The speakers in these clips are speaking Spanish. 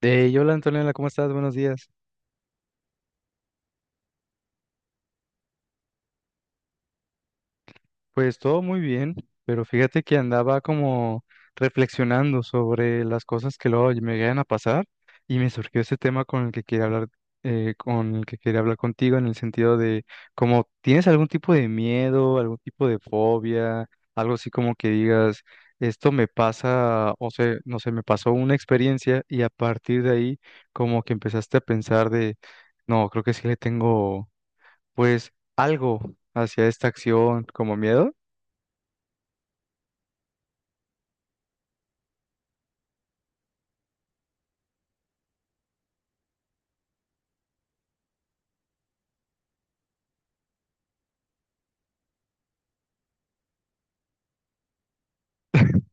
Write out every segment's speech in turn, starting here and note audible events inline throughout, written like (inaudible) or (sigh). Y hola Antonella, ¿cómo estás? Buenos días. Pues todo muy bien, pero fíjate que andaba como reflexionando sobre las cosas que luego me llegan a pasar y me surgió ese tema con el que quería hablar, contigo en el sentido de como tienes algún tipo de miedo, algún tipo de fobia, algo así como que digas, esto me pasa, o sea, no sé, me pasó una experiencia y a partir de ahí como que empezaste a pensar de, no, creo que sí le tengo pues algo hacia esta acción como miedo. (laughs)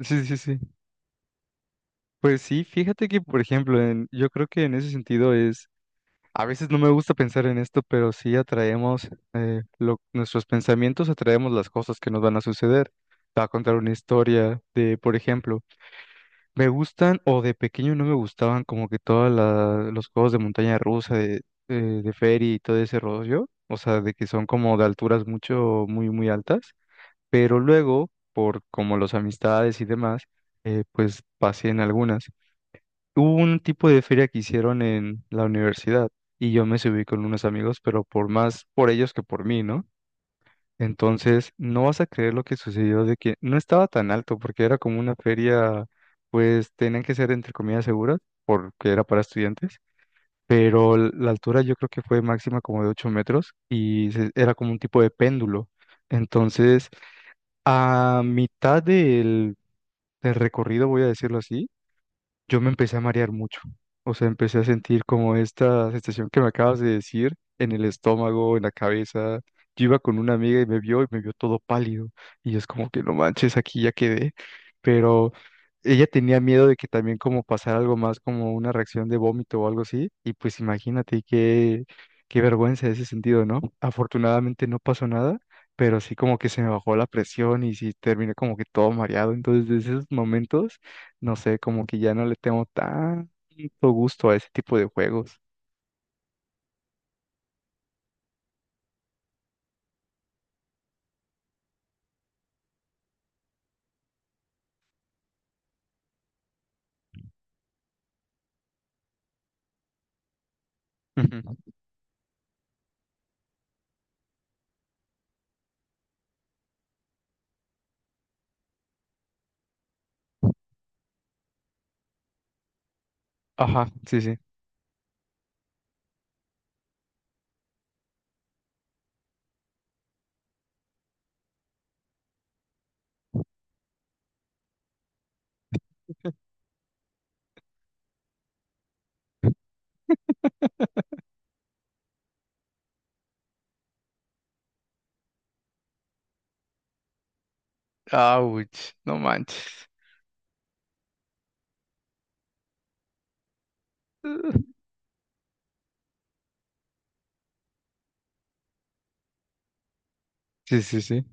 Sí, sí, sí. Pues sí, fíjate que, por ejemplo, yo creo que en ese sentido es, a veces no me gusta pensar en esto, pero sí atraemos, nuestros pensamientos atraemos las cosas que nos van a suceder. Te voy a contar una historia de, por ejemplo, me gustan o de pequeño no me gustaban como que todos los juegos de montaña rusa, de ferry y todo ese rollo, o sea, de que son como de alturas mucho, muy, muy altas. Pero luego, por como las amistades y demás, pues pasé en algunas. Hubo un tipo de feria que hicieron en la universidad y yo me subí con unos amigos, pero por más por ellos que por mí, ¿no? Entonces, no vas a creer lo que sucedió de que no estaba tan alto porque era como una feria, pues tenían que ser entre comillas seguras porque era para estudiantes, pero la altura yo creo que fue máxima como de 8 metros y era como un tipo de péndulo. Entonces, a mitad del, del recorrido, voy a decirlo así, yo me empecé a marear mucho. O sea, empecé a sentir como esta sensación que me acabas de decir en el estómago, en la cabeza. Yo iba con una amiga y me vio todo pálido. Y es como que no manches, aquí ya quedé. Pero ella tenía miedo de que también como pasara algo más, como una reacción de vómito o algo así. Y pues imagínate qué, qué vergüenza ese sentido, ¿no? Afortunadamente no pasó nada, pero sí como que se me bajó la presión y sí terminé como que todo mareado. Entonces, desde esos momentos no sé, como que ya no le tengo tanto gusto a ese tipo de juegos. Ujú. Ajá, sí, sí. Ouch, no manches. (laughs) Sí, sí, sí.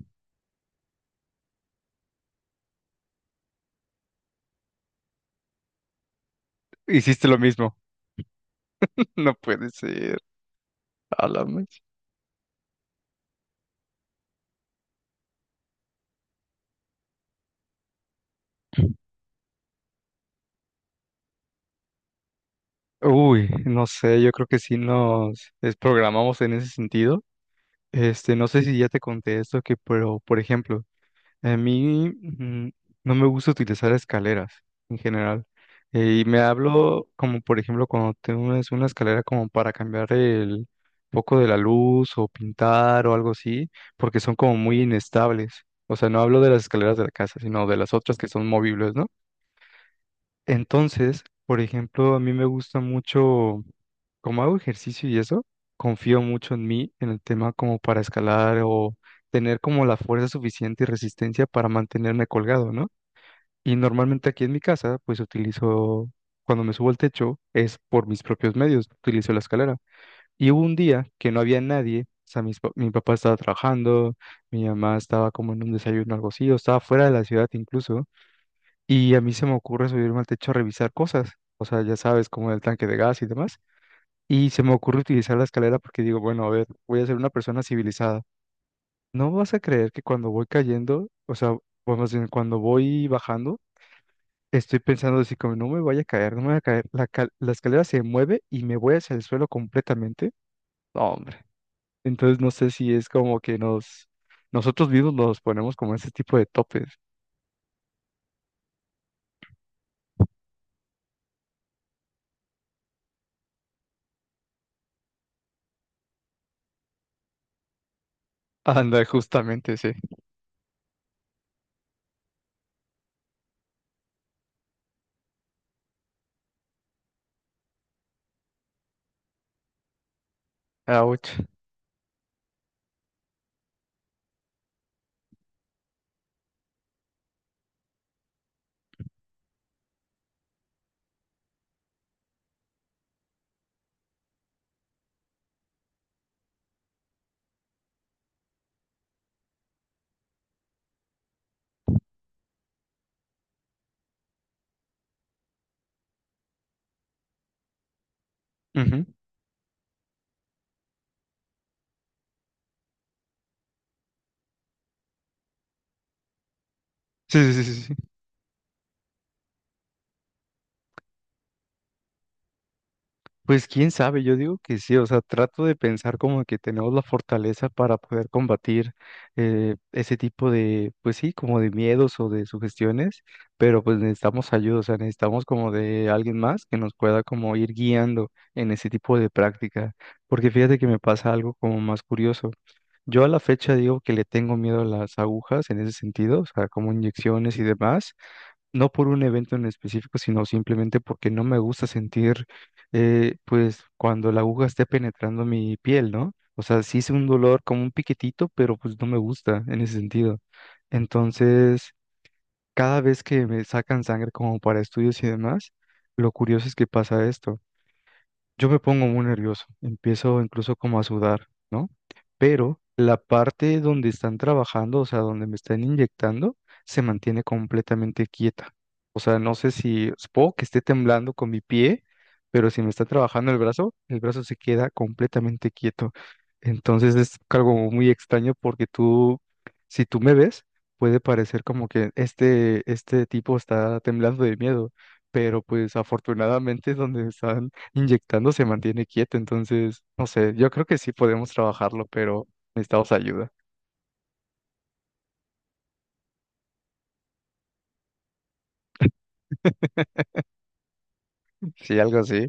Hiciste lo mismo. (laughs) No puede ser. A la mecha. Uy, no sé, yo creo que sí nos desprogramamos en ese sentido. Este, no sé si ya te conté esto, que, pero, por ejemplo, a mí no me gusta utilizar escaleras en general. Y me hablo como, por ejemplo, cuando tienes una escalera como para cambiar el foco de la luz o pintar o algo así, porque son como muy inestables. O sea, no hablo de las escaleras de la casa, sino de las otras que son movibles, ¿no? Entonces, por ejemplo, a mí me gusta mucho, como hago ejercicio y eso, confío mucho en mí, en el tema como para escalar o tener como la fuerza suficiente y resistencia para mantenerme colgado, ¿no? Y normalmente aquí en mi casa, pues utilizo, cuando me subo al techo, es por mis propios medios, utilizo la escalera. Y hubo un día que no había nadie, o sea, mi papá estaba trabajando, mi mamá estaba como en un desayuno o algo así, o estaba fuera de la ciudad incluso. Y a mí se me ocurre subirme al techo a revisar cosas, o sea, ya sabes, como el tanque de gas y demás. Y se me ocurre utilizar la escalera porque digo, bueno, a ver, voy a ser una persona civilizada. No vas a creer que cuando voy cayendo, o sea, bueno, más bien, cuando voy bajando, estoy pensando así como, no me vaya a caer, no me vaya a caer. La, la escalera se mueve y me voy hacia el suelo completamente. No, hombre. Entonces no sé si es como que nos, nosotros mismos nos ponemos como ese tipo de topes. (laughs) Anda, justamente, sí. Ouch. Ujú. Sí, sí, sí, sí, sí. Pues quién sabe, yo digo que sí, o sea, trato de pensar como que tenemos la fortaleza para poder combatir ese tipo de, pues sí, como de miedos o de sugestiones, pero pues necesitamos ayuda, o sea, necesitamos como de alguien más que nos pueda como ir guiando en ese tipo de práctica, porque fíjate que me pasa algo como más curioso. Yo a la fecha digo que le tengo miedo a las agujas en ese sentido, o sea, como inyecciones y demás, no por un evento en específico, sino simplemente porque no me gusta sentir, pues, cuando la aguja esté penetrando mi piel, ¿no? O sea, sí es un dolor como un piquetito, pero pues no me gusta en ese sentido. Entonces, cada vez que me sacan sangre como para estudios y demás, lo curioso es que pasa esto. Yo me pongo muy nervioso, empiezo incluso como a sudar, ¿no? Pero la parte donde están trabajando, o sea, donde me están inyectando, se mantiene completamente quieta. O sea, no sé si puedo que esté temblando con mi pie, pero si me está trabajando el brazo se queda completamente quieto. Entonces es algo muy extraño porque tú, si tú me ves, puede parecer como que este tipo está temblando de miedo, pero pues afortunadamente donde están inyectando se mantiene quieto. Entonces, no sé, yo creo que sí podemos trabajarlo, pero necesitamos ayuda. (laughs) Sí, algo así.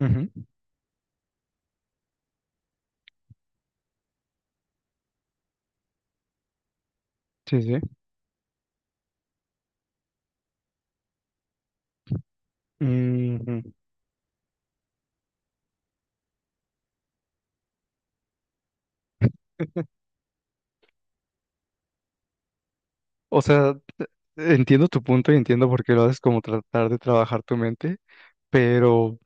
Ujú. Sí, sí. Ujú. (laughs) O sea, entiendo tu punto y entiendo por qué lo haces como tratar de trabajar tu mente, pero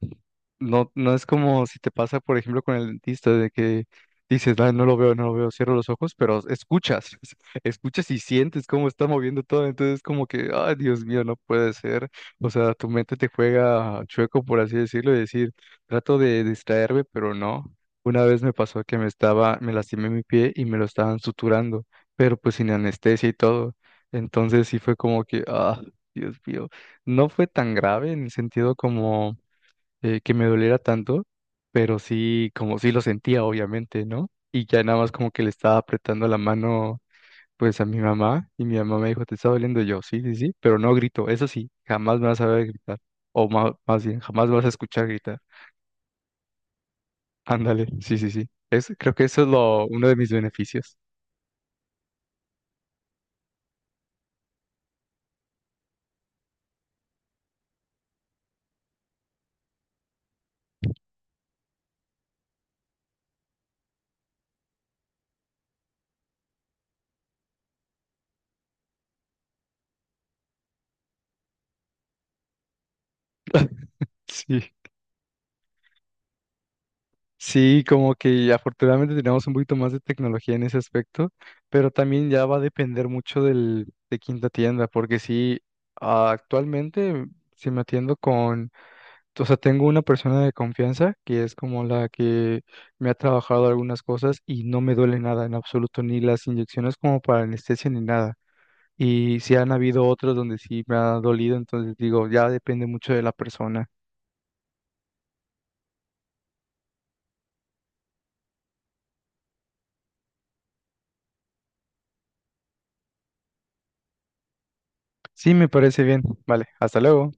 no, no es como si te pasa, por ejemplo, con el dentista, de que dices, "Ah, no lo veo, no lo veo, cierro los ojos", pero escuchas, (laughs) escuchas y sientes cómo está moviendo todo, entonces como que, ay, Dios mío, no puede ser. O sea, tu mente te juega chueco, por así decirlo, y decir, trato de distraerme, pero no. Una vez me pasó que me estaba, me lastimé mi pie y me lo estaban suturando, pero pues sin anestesia y todo. Entonces sí fue como que, ah, Dios mío, no fue tan grave en el sentido como que me doliera tanto, pero sí, como sí lo sentía, obviamente, ¿no? Y ya nada más como que le estaba apretando la mano, pues a mi mamá, y mi mamá me dijo, ¿te está doliendo? Yo, sí, sí, sí, pero no grito, eso sí, jamás me vas a ver gritar, más bien, jamás me vas a escuchar gritar. Ándale, sí, sí, sí. Es, creo que eso es lo, uno de mis beneficios. (laughs) Sí. Sí, como que afortunadamente tenemos un poquito más de tecnología en ese aspecto, pero también ya va a depender mucho del, de quinta tienda, porque sí, ah, actualmente si me atiendo con, o sea, tengo una persona de confianza que es como la que me ha trabajado algunas cosas y no me duele nada en absoluto, ni las inyecciones como para anestesia ni nada. Y si han habido otros donde sí me ha dolido, entonces digo, ya depende mucho de la persona. Sí, me parece bien. Vale, hasta luego.